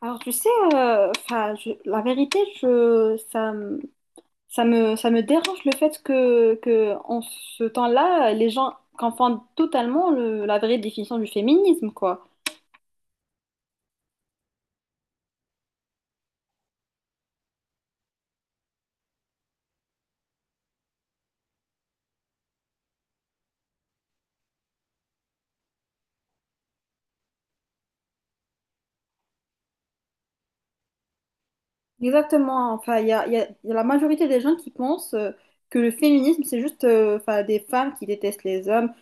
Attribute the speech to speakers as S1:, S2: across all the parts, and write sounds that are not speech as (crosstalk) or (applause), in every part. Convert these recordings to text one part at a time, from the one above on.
S1: Alors, tu sais, la vérité, ça me dérange le fait que en ce temps-là, les gens confondent totalement la vraie définition du féminisme, quoi. Exactement. Enfin, il y a la majorité des gens qui pensent que le féminisme, c'est juste 'fin, des femmes qui détestent les hommes.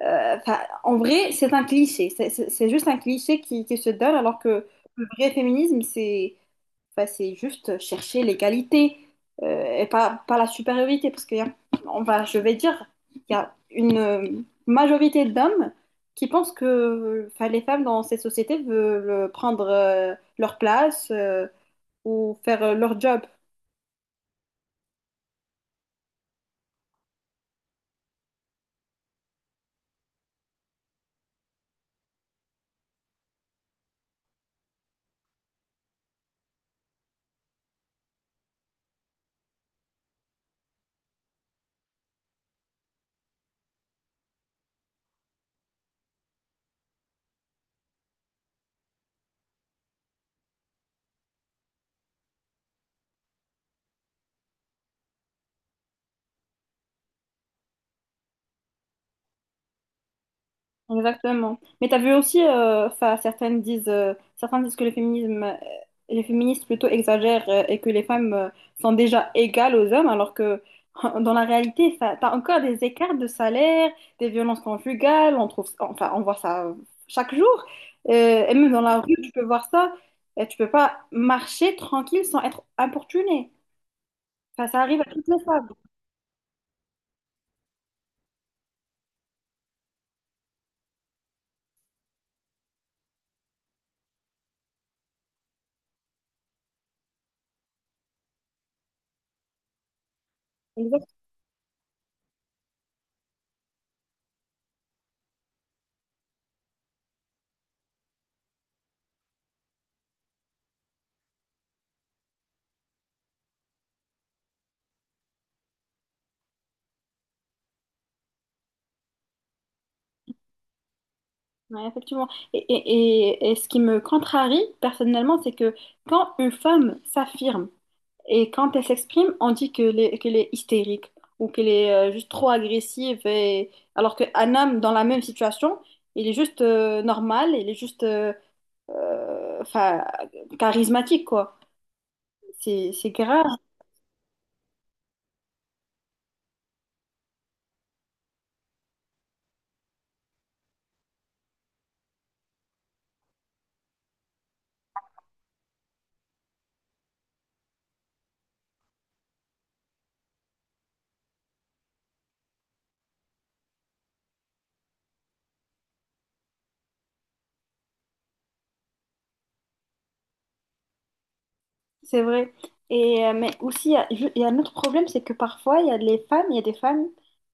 S1: 'Fin, en vrai, c'est un cliché. C'est juste un cliché qui se donne, alors que le vrai féminisme, c'est... Enfin, c'est juste chercher l'égalité et pas, pas la supériorité. Parce que y a- On va, je vais dire, il y a une majorité d'hommes qui pensent que enfin, les femmes dans cette société veulent prendre leur place ou faire leur job. Exactement. Mais t'as vu aussi, enfin, certains disent que le féminisme, les féministes plutôt exagèrent et que les femmes sont déjà égales aux hommes, alors que (laughs) dans la réalité, enfin, t'as encore des écarts de salaire, des violences conjugales, on trouve, enfin, on voit ça chaque jour. Et même dans la rue, tu peux voir ça. Et tu peux pas marcher tranquille sans être importuné. Enfin, ça arrive à toutes les femmes. Ouais, effectivement. Et ce qui me contrarie personnellement, c'est que quand une femme s'affirme et quand elle s'exprime, on dit qu'elle est hystérique ou qu'elle est juste trop agressive. Et... Alors qu'un homme dans la même situation, il est juste normal, il est juste enfin, charismatique, quoi. C'est grave. C'est vrai. Et, mais aussi, il y a un autre problème, c'est que parfois, il y a des femmes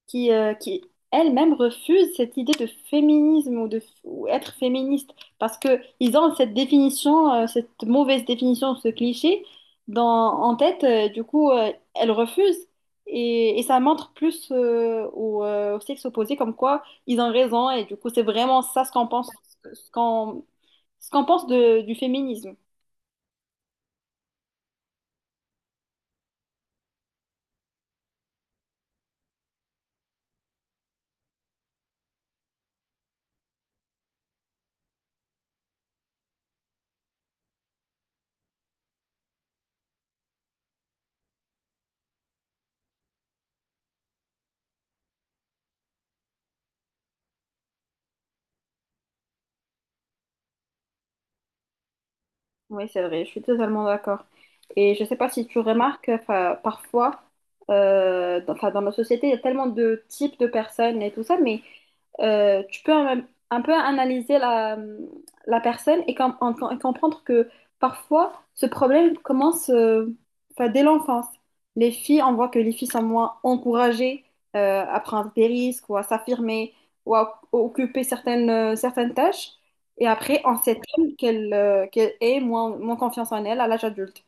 S1: qui elles-mêmes refusent cette idée de féminisme ou de ou être féministe parce que ils ont cette définition, cette mauvaise définition, ce cliché dans, en tête. Du coup, elles refusent. Et ça montre plus au sexe opposé comme quoi ils ont raison. Et du coup, c'est vraiment ça ce qu'on pense, ce qu'on, ce qu'on pense du féminisme. Oui, c'est vrai, je suis totalement d'accord. Et je ne sais pas si tu remarques, enfin, parfois, dans, enfin, dans nos sociétés, il y a tellement de types de personnes et tout ça, mais tu peux un peu analyser la, la personne et comprendre que parfois, ce problème commence enfin, dès l'enfance. Les filles, on voit que les filles sont moins encouragées à prendre des risques ou à s'affirmer ou à occuper certaines, certaines tâches. Et après, en septembre, qu'elle ait moins, moins confiance en elle à l'âge adulte.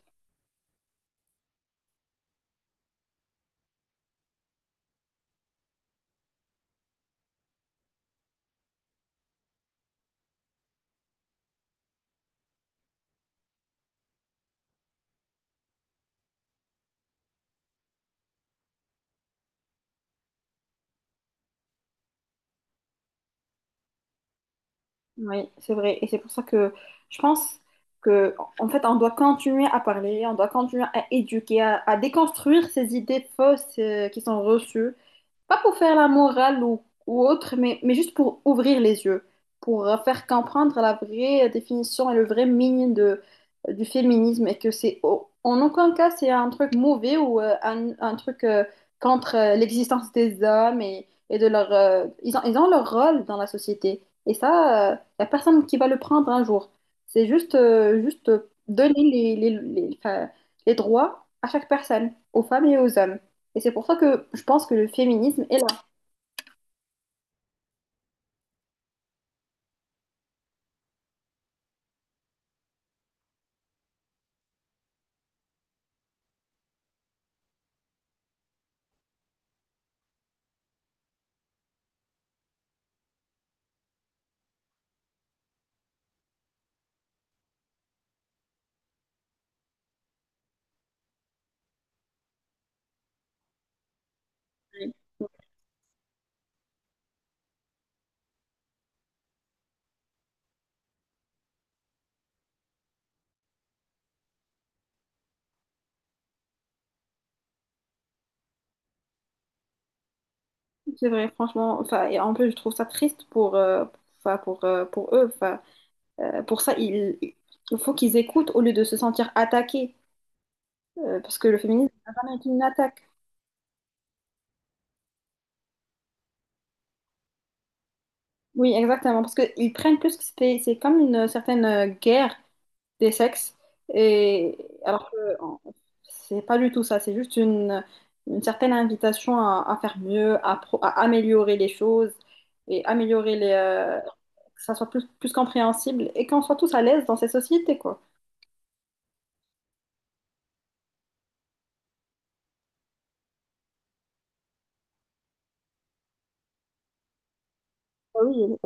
S1: Oui, c'est vrai. Et c'est pour ça que je pense que, en fait, on doit continuer à parler, on doit continuer à éduquer, à déconstruire ces idées fausses qui sont reçues. Pas pour faire la morale ou autre, mais juste pour ouvrir les yeux, pour faire comprendre la vraie définition et le vrai meaning de, du féminisme et que en aucun cas c'est un truc mauvais ou un truc contre l'existence des hommes et de leur ils ont leur rôle dans la société et ça il n'y a personne qui va le prendre un jour, c'est juste juste donner les, enfin, les droits à chaque personne, aux femmes et aux hommes, et c'est pour ça que je pense que le féminisme est là. C'est vrai, franchement. Enfin, et en plus, je trouve ça triste pour, enfin, pour eux. Enfin, pour ça, il faut qu'ils écoutent au lieu de se sentir attaqués. Parce que le féminisme n'a jamais été une attaque. Oui, exactement. Parce qu'ils prennent plus que c'est comme une certaine guerre des sexes. Et alors que en- c'est pas du tout ça, c'est juste une certaine invitation à faire mieux, à améliorer les choses et améliorer les, que ça soit plus, plus compréhensible et qu'on soit tous à l'aise dans ces sociétés, quoi. Ah oui,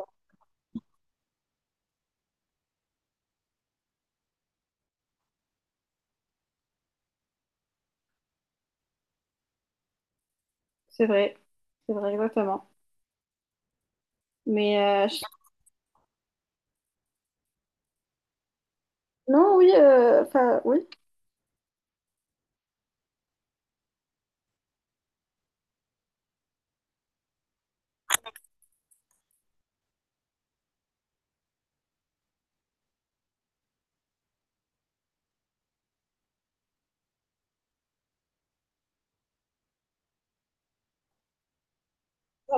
S1: c'est vrai, c'est vrai, exactement. Mais euh, je- non, oui, enfin, oui.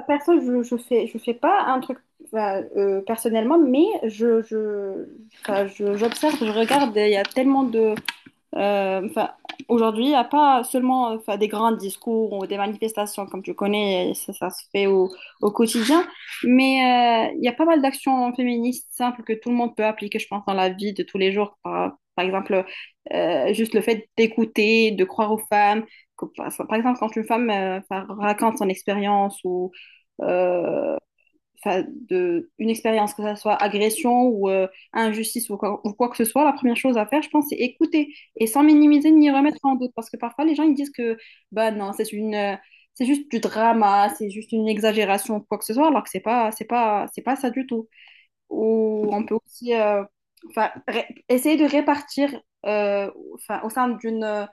S1: Personne, je fais pas un truc enfin, personnellement, mais enfin, j'observe, je regarde, il y a tellement de, enfin, aujourd'hui, il n'y a pas seulement enfin, des grands discours ou des manifestations, comme tu connais, ça se fait au quotidien, mais il y a pas mal d'actions féministes simples que tout le monde peut appliquer, je pense, dans la vie de tous les jours. Par exemple, juste le fait d'écouter, de croire aux femmes. Par exemple, quand une femme enfin, raconte son expérience ou euh, enfin, de, une expérience, que ça soit agression ou injustice ou quoi que ce soit, la première chose à faire, je pense, c'est écouter et sans minimiser ni remettre en doute. Parce que parfois, les gens, ils disent que, bah non, c'est une, c'est juste du drama, c'est juste une exagération ou quoi que ce soit, alors que c'est pas ça du tout. Ou on peut aussi, enfin, essayer de répartir, enfin, au sein d'une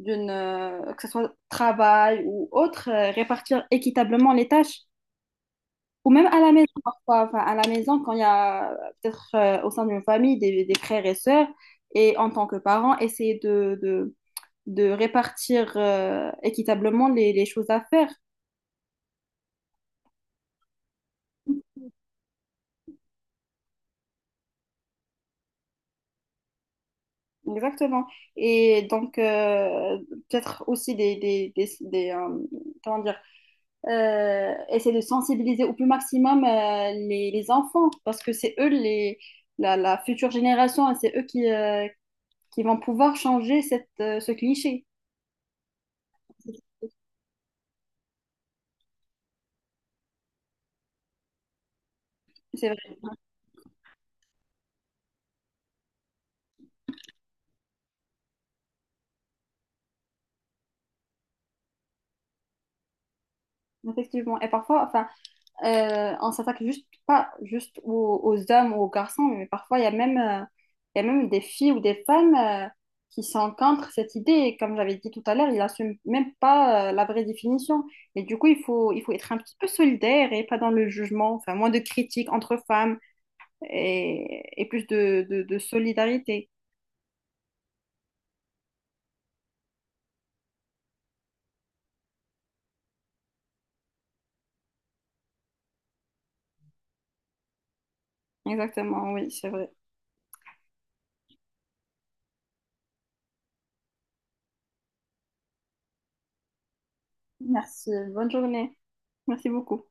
S1: d'une, que ce soit travail ou autre, répartir équitablement les tâches. Ou même à la maison parfois, enfin à la maison quand il y a peut-être au sein d'une famille des frères et sœurs, et en tant que parent, essayer de répartir équitablement les choses à faire. Exactement. Et donc, peut-être aussi comment dire, essayer de sensibiliser au plus maximum les enfants, parce que c'est eux, les, la future génération, et c'est eux qui vont pouvoir changer cette, ce cliché. C'est vrai, effectivement. Et parfois, enfin, on s'attaque juste pas juste aux, aux hommes ou aux garçons, mais parfois il y a même, il y a même des filles ou des femmes qui sont contre cette idée. Et comme j'avais dit tout à l'heure, ils n'assument même pas la vraie définition. Et du coup, il faut être un petit peu solidaire et pas dans le jugement, enfin, moins de critiques entre femmes et plus de, de solidarité. Exactement, oui, c'est vrai. Merci. Bonne journée. Merci beaucoup.